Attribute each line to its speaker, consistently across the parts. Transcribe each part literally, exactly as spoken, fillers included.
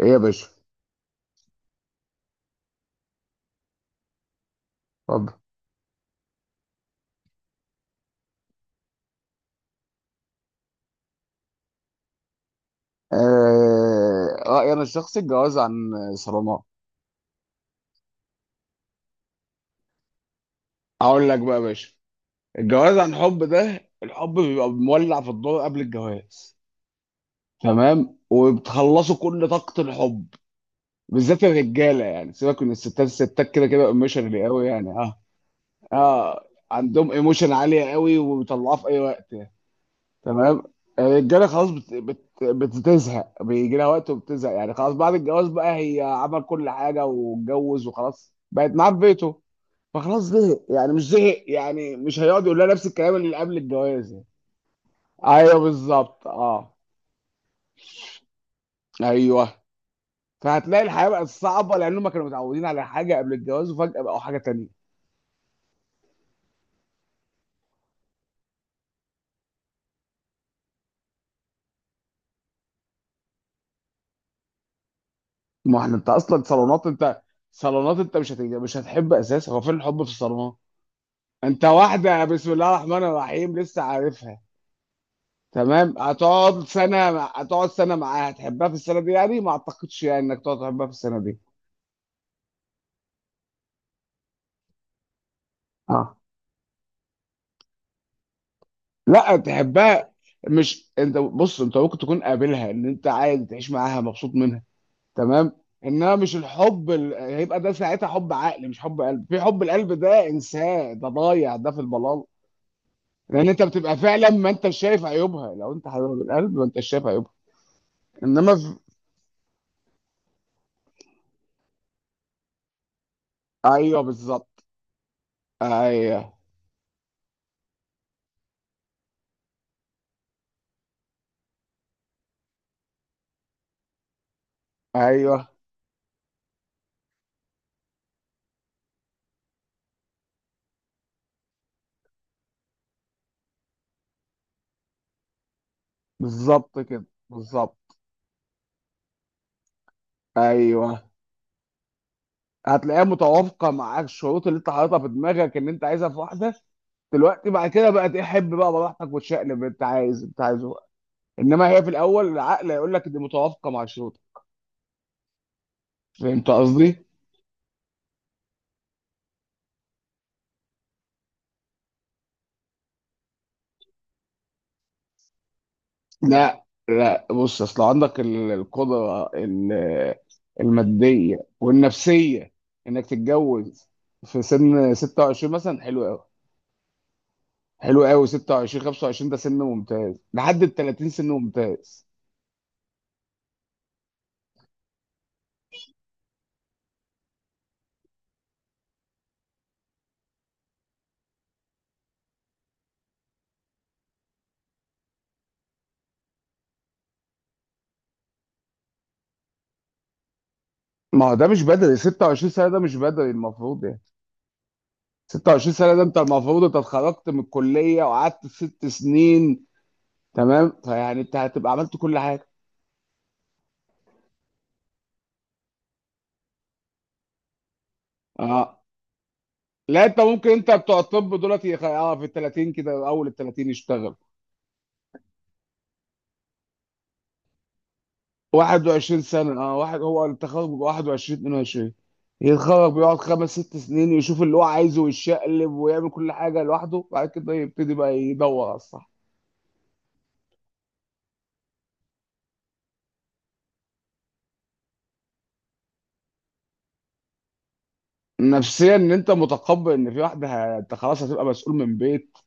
Speaker 1: ايه يا باشا. اتفضل. آه... رأيي انا الشخصي الجواز عن صرامة. اقول لك بقى يا باشا. الجواز عن حب ده الحب بيبقى مولع في الدور قبل الجواز، تمام، وبتخلصوا كل طاقة الحب، بالذات الرجالة. يعني سيبك من الستات، الستات كده كده ايموشنالي قوي، يعني اه اه عندهم ايموشن عالية قوي وبيطلعوها في اي وقت يعني. تمام. الرجاله خلاص بت... بت... بتزهق، بيجي لها وقت وبتزهق، يعني خلاص بعد الجواز بقى هي عمل كل حاجه واتجوز وخلاص، بقت معاه في بيته. فخلاص زهق، يعني مش زهق، يعني مش هيقعد يقول لها نفس الكلام اللي قبل الجواز يعني. ايوه، بالظبط اه ايوه فهتلاقي الحياه بقت صعبه لانهم كانوا متعودين على حاجه قبل الجواز، وفجاه بقوا حاجه تانيه. ما احنا انت اصلا صالونات انت. صالونات انت، مش هت... مش هتحب اساسا. هو فين الحب في الصالونات؟ انت واحده بسم الله الرحمن الرحيم لسه عارفها. تمام. هتقعد سنة مع- هتقعد سنة معاها، هتحبها في السنة دي؟ يعني ما اعتقدش يعني انك تقعد تحبها في السنة دي. اه، لا تحبها. مش انت بص، انت ممكن تكون قابلها ان انت عادي تعيش معاها مبسوط منها، تمام، انما مش الحب ال... هيبقى ده ساعتها حب عقل، مش حب قلب. في حب القلب ده انساه، ده ضايع، ده في البلال. لان انت بتبقى فعلا، ما انت شايف عيوبها. لو انت حبيبها بالقلب ما انت شايف عيوبها. انما في... ايوه بالظبط. ايوه. ايوه بالظبط كده. بالظبط. ايوه، هتلاقيها متوافقه مع الشروط اللي انت حاططها في دماغك، ان انت عايزها في واحده. دلوقتي بعد كده بقى تحب بقى براحتك وتشقلب، انت عايز انت عايزه بقى. انما هي في الاول العقل هيقول لك دي متوافقه مع الشروط. فهمت قصدي؟ لا. لا بص، اصل عندك ال- القدره ال- الماديه والنفسيه انك تتجوز في سن ستة وعشرين مثلا، حلو قوي. حلو قوي، ستة وعشرين خمسة وعشرين ده سن ممتاز، لحد ال ثلاثين سن ممتاز. ما هو ده مش بدري، ستة وعشرين سنة ده مش بدري المفروض يعني. ستة وعشرين سنة ده انت المفروض انت اتخرجت من الكلية وقعدت ست سنين، تمام. فيعني انت هتبقى عملت كل حاجة. اه لا، انت ممكن انت بتوع الطب دولت يخ- اه في ال الثلاثين كده، اول ال الثلاثين يشتغل. واحد وعشرين سنة، اه، واحد هو التخرج بيبقى واحد وعشرين اتنين وعشرين، يتخرج بيقعد خمس ست سنين يشوف اللي هو عايزه ويشقلب ويعمل كل حاجة لوحده، بعد كده يبتدي بقى يدور على الصح. نفسيا ان انت متقبل ان في واحده، ه- انت خلاص هتبقى مسؤول من بيت،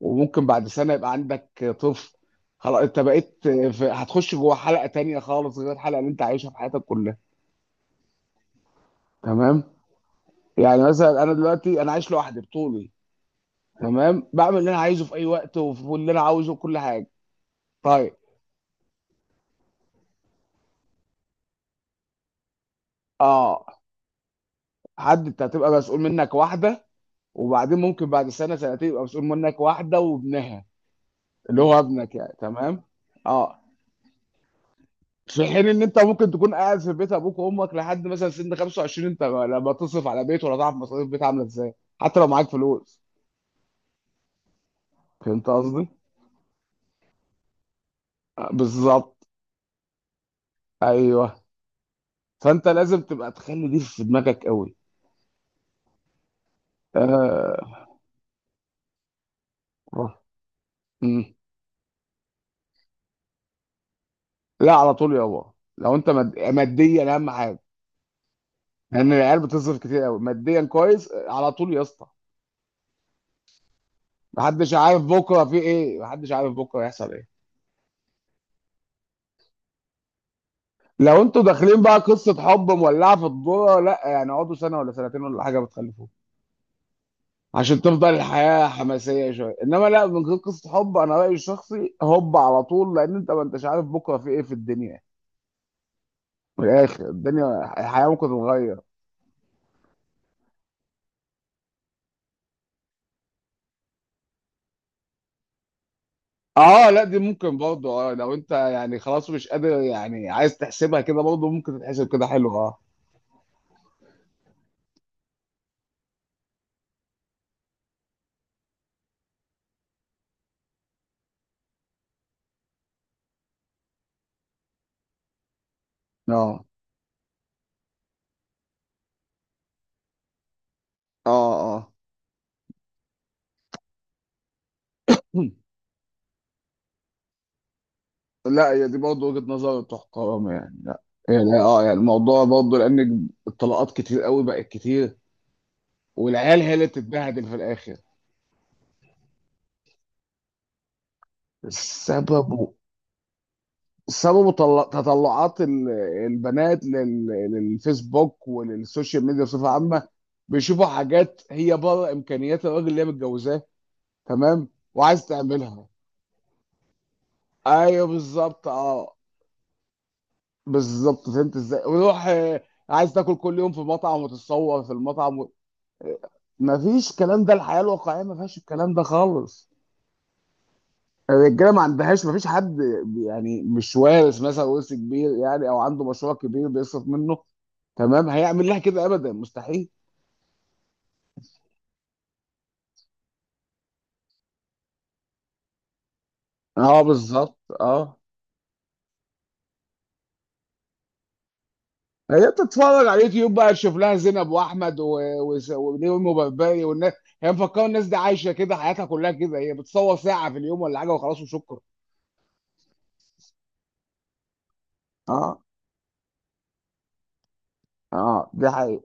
Speaker 1: وممكن بعد سنة يبقى عندك طفل. خلاص انت بقيت في، هتخش جوه حلقة تانية خالص غير الحلقة اللي انت عايشها في حياتك كلها، تمام. يعني مثلا انا دلوقتي انا عايش لوحدي بطولي، تمام، بعمل اللي انا عايزه في اي وقت، واللي انا عاوزه كل حاجة. طيب اه حد انت هتبقى مسؤول منك واحدة، وبعدين ممكن بعد سنة سنتين يبقى مسؤول منك واحدة وابنها، اللي هو ابنك يعني، تمام. اه في حين ان انت ممكن تكون قاعد في بيت ابوك وامك لحد مثلا سن خمسة وعشرين، انت لما تصرف على بيت ولا تعرف مصاريف بيت عامله ازاي؟ حتى لو معاك فلوس. فهمت قصدي؟ آه، بالظبط. ايوه، فانت لازم تبقى تخلي دي في دماغك قوي. آه. آه. مم. لا على طول يابا، لو انت مد... ماديا اهم حاجه، لان العيال بتصرف كتير قوي ماديا كويس. آه، على طول يا اسطى. محدش عارف بكره في ايه، محدش عارف بكره هيحصل ايه. لو انتوا داخلين بقى قصة حب مولعة في الدورة، لا يعني اقعدوا سنة ولا سنتين ولا حاجة بتخلفوه، عشان تفضل الحياة حماسية شوية. انما لا، من غير قصة حب انا رأيي الشخصي هوب على طول، لان انت ما انتش عارف بكرة في ايه في الدنيا. من الاخر الدنيا الحياة ممكن تتغير. اه، لا دي ممكن برضه. اه، لو انت يعني خلاص مش قادر يعني، عايز تحسبها كده، برضه ممكن تتحسب كده، حلو. اه. اه. اه. اه، لا هي دي برضه وجهة نظر تحترم، يعني، لا يعني اه، يعني الموضوع برضه، لان الطلقات كتير قوي، بقت كتير، والعيال هي اللي بتتبهدل في الاخر. السبب، سببه، طل- تطلعات ال- البنات لل- للفيسبوك وللسوشيال ميديا بصفة عامة. بيشوفوا حاجات هي بره إمكانيات الراجل اللي هي متجوزاه. تمام، وعايز تعملها. ايوه بالظبط. اه، بالظبط فهمت ازاي. ويروح آه، عايز تاكل كل يوم في مطعم وتتصور في المطعم. ما فيش الكلام ده، الحياة الواقعية ما فيهاش الكلام ده خالص. الرجالة ما عندهاش، ما فيش حد، يعني مش وارث مثلا ورث كبير يعني، او عنده مشروع كبير بيصرف منه، تمام، هيعمل لها كده. ابدا، مستحيل. اه بالظبط. اه، هي بتتفرج على اليوتيوب بقى، تشوف لها زينب واحمد و... و... ونيومي وبربري والناس. هي مفكره الناس دي عايشه كده حياتها كلها كده؟ هي بتصور ساعه في اليوم ولا حاجه وخلاص وشكرا. اه. اه دي حقيقة.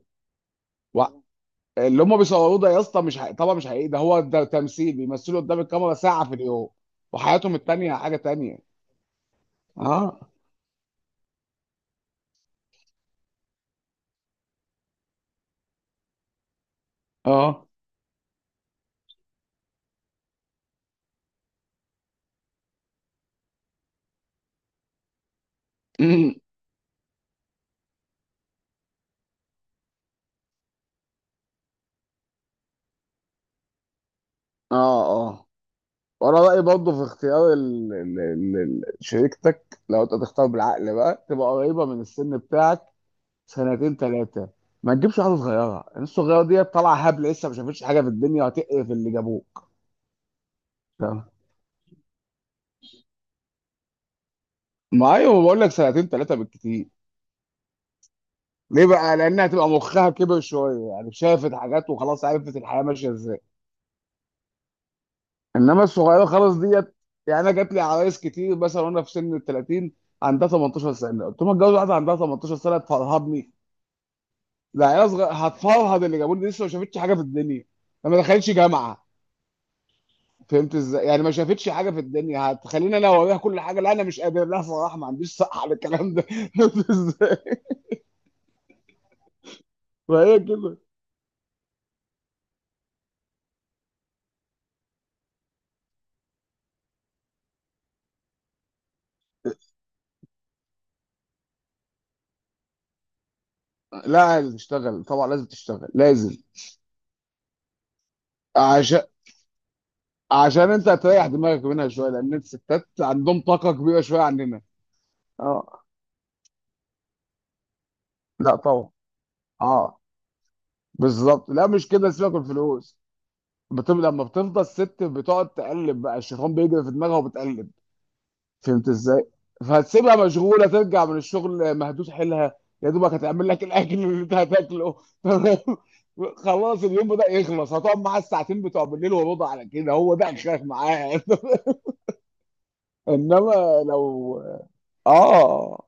Speaker 1: اللي هم بيصوروه ده يا اسطى مش حقيقي طبعا، مش حقيقي، ده هو ده تمثيل، بيمثلوا قدام الكاميرا ساعة في اليوم، وحياتهم التانية حاجة تانية. اه. اه. اه. اه، وانا رأيي برضه في اختيار ال... ال... ال... ال- شريكتك، لو انت تختار بالعقل بقى، تبقى قريبة من السن بتاعك، سنتين ثلاثة. ما تجيبش واحدة صغيرة، الناس الصغيرة دي طالعة هبل، لسه ما شافتش حاجة في الدنيا، وهتقرف اللي جابوك. تمام. ما ايوه، بقول لك سنتين ثلاثة بالكتير. ليه بقى؟ لأنها تبقى مخها كبر شوية، يعني شافت حاجات وخلاص عرفت الحياة ماشية ازاي. إنما الصغيرة خلاص ديت. يعني أنا جات لي عرايس كتير مثلا، وأنا في سن ال الثلاثين، عندها تمنتاشر سنة. قلت لهم اتجوز واحدة عندها تمنتاشر سنة تفرهدني؟ لا، عيال صغيرة هتفرهد اللي جابوني، دي لسه ما شافتش حاجة في الدنيا، ما دخلتش جامعة. فهمت ازاي؟ يعني ما شافتش حاجة في الدنيا، هتخليني أنا أوريها كل حاجة. لا، أنا مش قادر، لا صراحة ما عنديش صحة على الكلام ده فهمت ازاي؟ فهي كده. لا تشتغل طبعا، لازم تشتغل لازم. عشان عشان انت هتريح دماغك منها شويه، لان الستات عندهم طاقه كبيره شويه عننا. اه، لا طبعا. اه بالظبط. لا مش كده، سيبك من الفلوس. بت... لما بتفضل ست بتقعد تقلب بقى، الشيطان بيجري في دماغها وبتقلب. فهمت ازاي؟ فهتسيبها مشغوله، ترجع من الشغل مهدوس حيلها، يا دوبك هتعمل لك الاكل اللي انت هتاكله تمام، خلاص اليوم بدأ يخلص، هتقعد معاها الساعتين بتوع بالليل وربع على كده، هو ده اخرك معاها. انما لو اه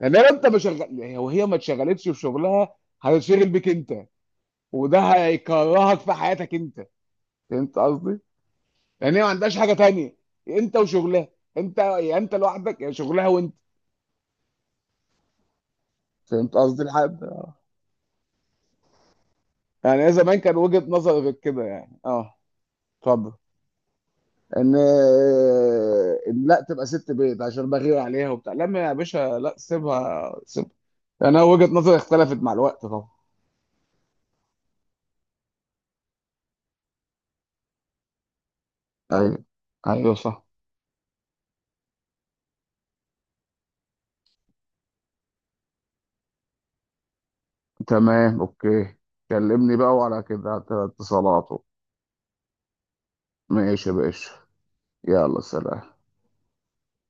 Speaker 1: يعني لو انت ما شغل وهي ما اتشغلتش في شغلها، هتشغل بيك انت، وده هيكرهك في حياتك انت. فهمت قصدي؟ يعني هي ما عندهاش حاجه تانية، انت وشغلها، انت، يا انت لوحدك يا شغلها وانت. فهمت قصدي؟ لحد يعني هي زمان، كان وجهة نظر غير كده يعني، اه. اتفضل. ان ان لا تبقى ست بيت عشان بغير عليها وبتاع، لا ما يا باشا، لا سيبها سيبها. يعني انا وجهة نظري اختلفت مع الوقت طبعا. ايوه. ايوه صح. تمام، اوكي، كلمني بقى وعلى كده على اتصالاته. ماشي يا باشا، يلا سلام.